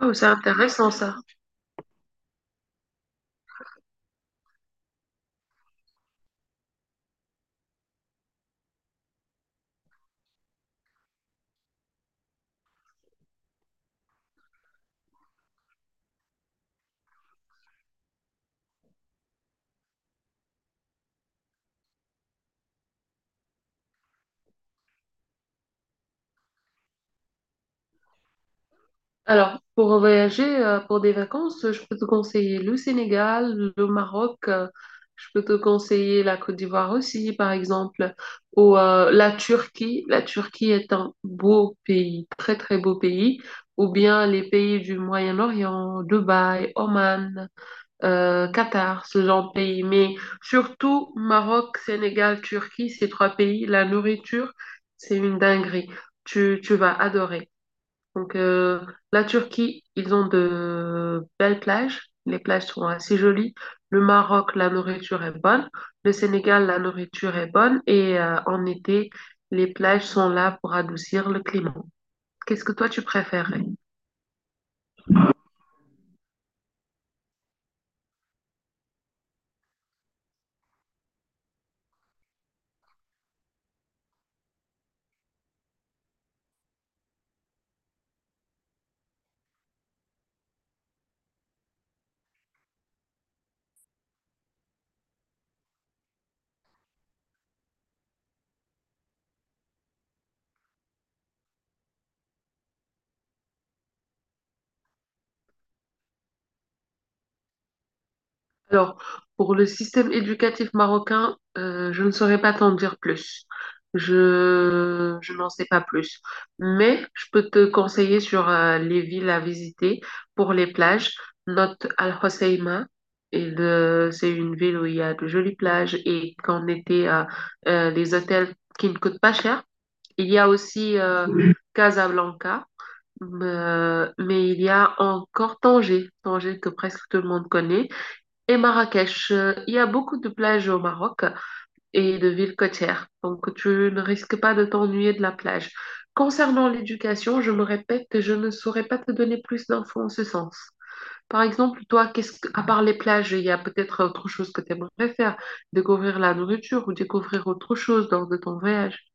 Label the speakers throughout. Speaker 1: Oh, c'est intéressant ça. Alors, pour voyager, pour des vacances, je peux te conseiller le Sénégal, le Maroc, je peux te conseiller la Côte d'Ivoire aussi, par exemple, ou la Turquie. La Turquie est un beau pays, très très beau pays, ou bien les pays du Moyen-Orient, Dubaï, Oman, Qatar, ce genre de pays. Mais surtout, Maroc, Sénégal, Turquie, ces trois pays, la nourriture, c'est une dinguerie. Tu vas adorer. Donc, la Turquie, ils ont de belles plages. Les plages sont assez jolies. Le Maroc, la nourriture est bonne. Le Sénégal, la nourriture est bonne. Et en été, les plages sont là pour adoucir le climat. Qu'est-ce que toi, tu préférerais? Alors, pour le système éducatif marocain, je ne saurais pas t'en dire plus. Je n'en sais pas plus. Mais je peux te conseiller sur les villes à visiter pour les plages. Note Al-Hoceima. Et c'est une ville où il y a de jolies plages et qu'en été, les hôtels qui ne coûtent pas cher. Il y a aussi Casablanca, mais il y a encore Tanger, Tanger que presque tout le monde connaît. Et Marrakech, il y a beaucoup de plages au Maroc et de villes côtières, donc tu ne risques pas de t'ennuyer de la plage. Concernant l'éducation, je me répète que je ne saurais pas te donner plus d'infos en ce sens. Par exemple, toi, qu'est-ce que, à part les plages, il y a peut-être autre chose que tu aimerais faire, découvrir la nourriture ou découvrir autre chose lors de ton voyage.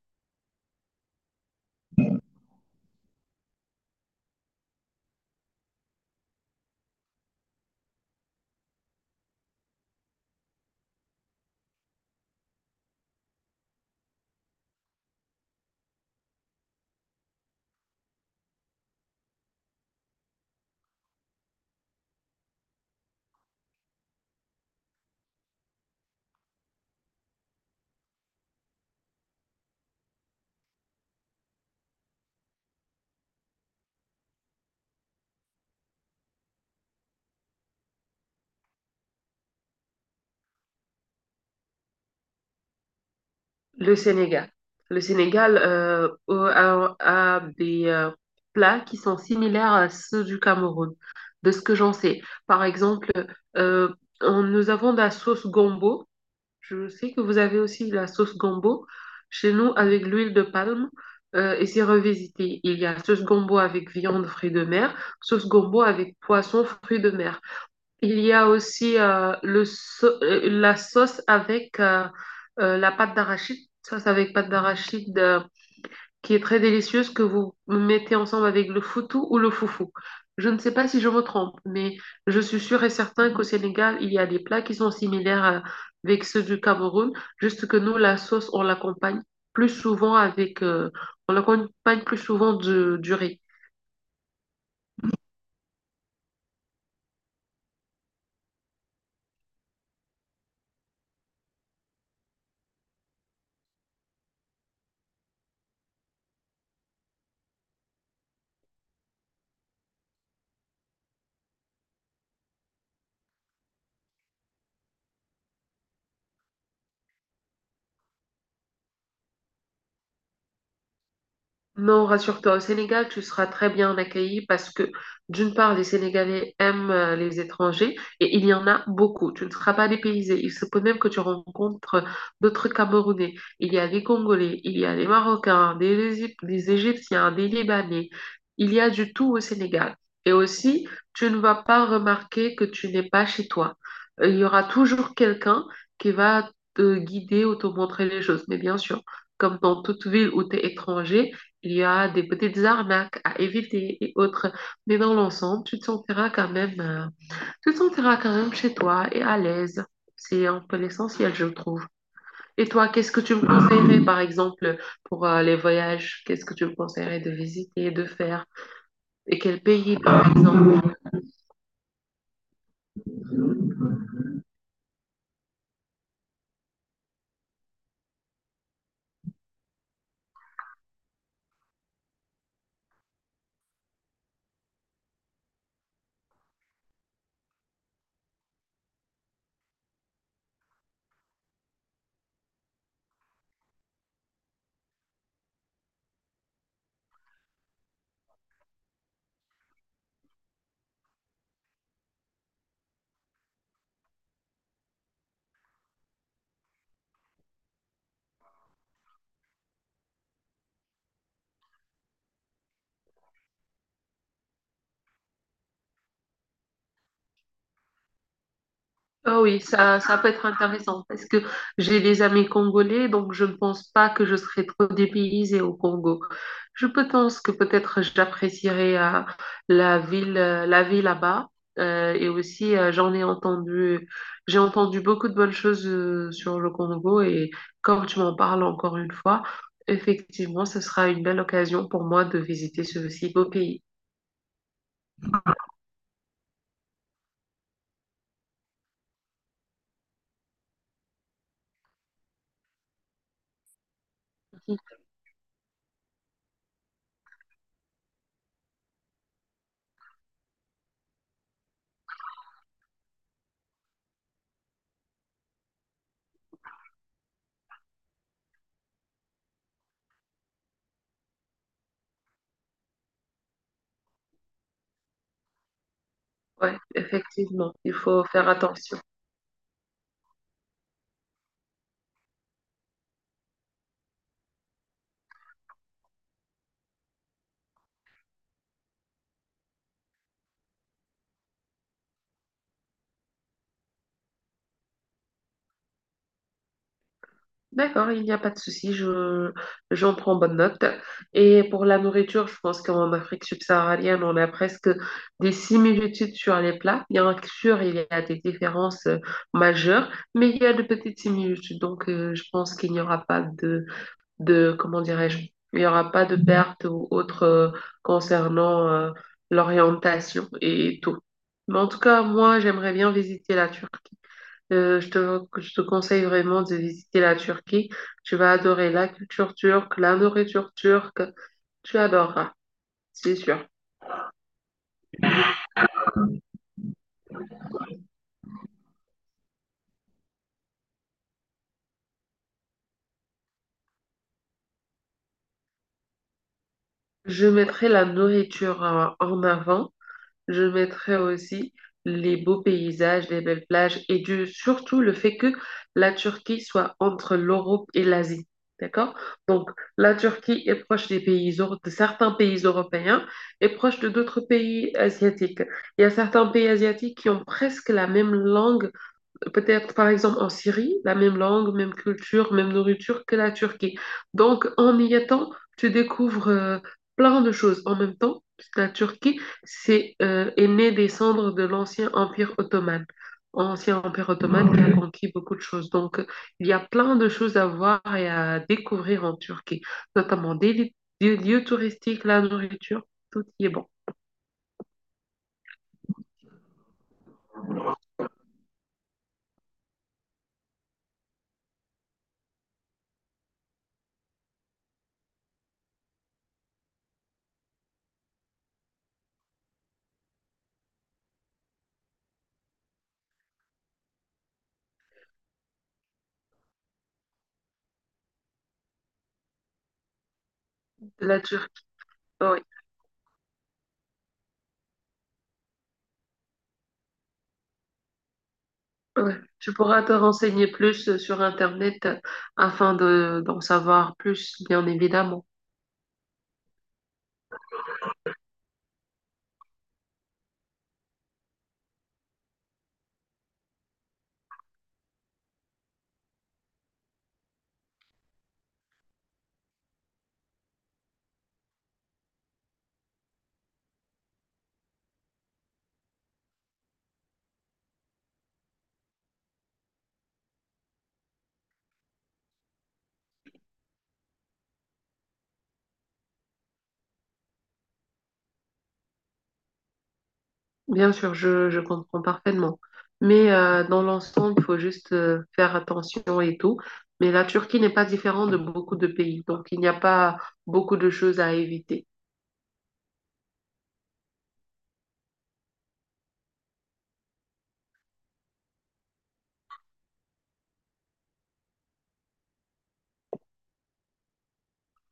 Speaker 1: Le Sénégal. Le Sénégal a des plats qui sont similaires à ceux du Cameroun, de ce que j'en sais. Par exemple, euh, nous avons de la sauce gombo. Je sais que vous avez aussi de la sauce gombo chez nous avec l'huile de palme et c'est revisité. Il y a sauce gombo avec viande, fruits de mer, sauce gombo avec poisson, fruits de mer. Il y a aussi la sauce avec la pâte d'arachide, sauce avec pâte d'arachide qui est très délicieuse que vous mettez ensemble avec le foutou ou le foufou. Je ne sais pas si je me trompe, mais je suis sûre et certain qu'au Sénégal, il y a des plats qui sont similaires avec ceux du Cameroun, juste que nous, la sauce, on l'accompagne plus souvent avec, on l'accompagne plus souvent du riz. Non, rassure-toi, au Sénégal, tu seras très bien accueilli parce que, d'une part, les Sénégalais aiment les étrangers et il y en a beaucoup. Tu ne seras pas dépaysé. Il se peut même que tu rencontres d'autres Camerounais. Il y a des Congolais, il y a des Marocains, des Égyptiens, des Libanais. Il y a du tout au Sénégal. Et aussi, tu ne vas pas remarquer que tu n'es pas chez toi. Il y aura toujours quelqu'un qui va te guider ou te montrer les choses. Mais bien sûr, comme dans toute ville où tu es étranger, il y a des petites arnaques à éviter et autres, mais dans l'ensemble, tu te sentiras quand même chez toi et à l'aise. C'est un peu l'essentiel, je trouve. Et toi, qu'est-ce que tu me conseillerais, par exemple, pour les voyages? Qu'est-ce que tu me conseillerais de visiter, de faire? Et quel pays, par exemple? Ah oui, ça peut être intéressant parce que j'ai des amis congolais, donc je ne pense pas que je serai trop dépaysée au Congo. Je pense que peut-être j'apprécierai la vie là-bas. Et aussi, j'ai entendu beaucoup de bonnes choses sur le Congo. Et comme tu m'en parles encore une fois, effectivement, ce sera une belle occasion pour moi de visiter ce si beau pays. Ouais, effectivement, il faut faire attention. D'accord, il n'y a pas de souci, j'en prends bonne note. Et pour la nourriture, je pense qu'en Afrique subsaharienne, on a presque des similitudes sur les plats. Bien sûr, il y a des différences majeures, mais il y a de petites similitudes. Donc, je pense qu'il n'y aura pas comment dirais-je, il n'y aura pas de perte ou autre concernant l'orientation et tout. Mais en tout cas, moi, j'aimerais bien visiter la Turquie. Je te conseille vraiment de visiter la Turquie. Tu vas adorer la culture turque, la nourriture turque. Tu adoreras, c'est sûr. Je mettrai la nourriture en avant. Je mettrais aussi les beaux paysages, les belles plages et du, surtout le fait que la Turquie soit entre l'Europe et l'Asie. D'accord? Donc, la Turquie est proche des de certains pays européens et proche de d'autres pays asiatiques. Il y a certains pays asiatiques qui ont presque la même langue peut-être par exemple en Syrie, la même langue, même culture, même nourriture que la Turquie. Donc en y étant, tu découvres plein de choses en même temps. La Turquie est née des cendres de l'ancien empire ottoman. Ancien empire ottoman qui a conquis beaucoup de choses. Donc il y a plein de choses à voir et à découvrir en Turquie, notamment des lieux touristiques, la nourriture, tout y est bon. La Turquie, oui. Ouais. Tu pourras te renseigner plus sur Internet afin de, d'en savoir plus, bien évidemment. Bien sûr, je comprends parfaitement. Mais dans l'ensemble, il faut juste faire attention et tout. Mais la Turquie n'est pas différente de beaucoup de pays, donc il n'y a pas beaucoup de choses à éviter.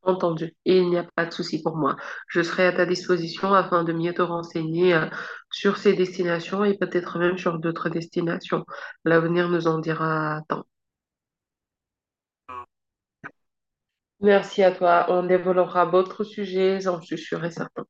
Speaker 1: Entendu. Et il n'y a pas de souci pour moi. Je serai à ta disposition afin de mieux te renseigner sur ces destinations et peut-être même sur d'autres destinations. L'avenir nous en dira tant. Merci à toi. On développera d'autres sujets, j'en suis sûre et certaine.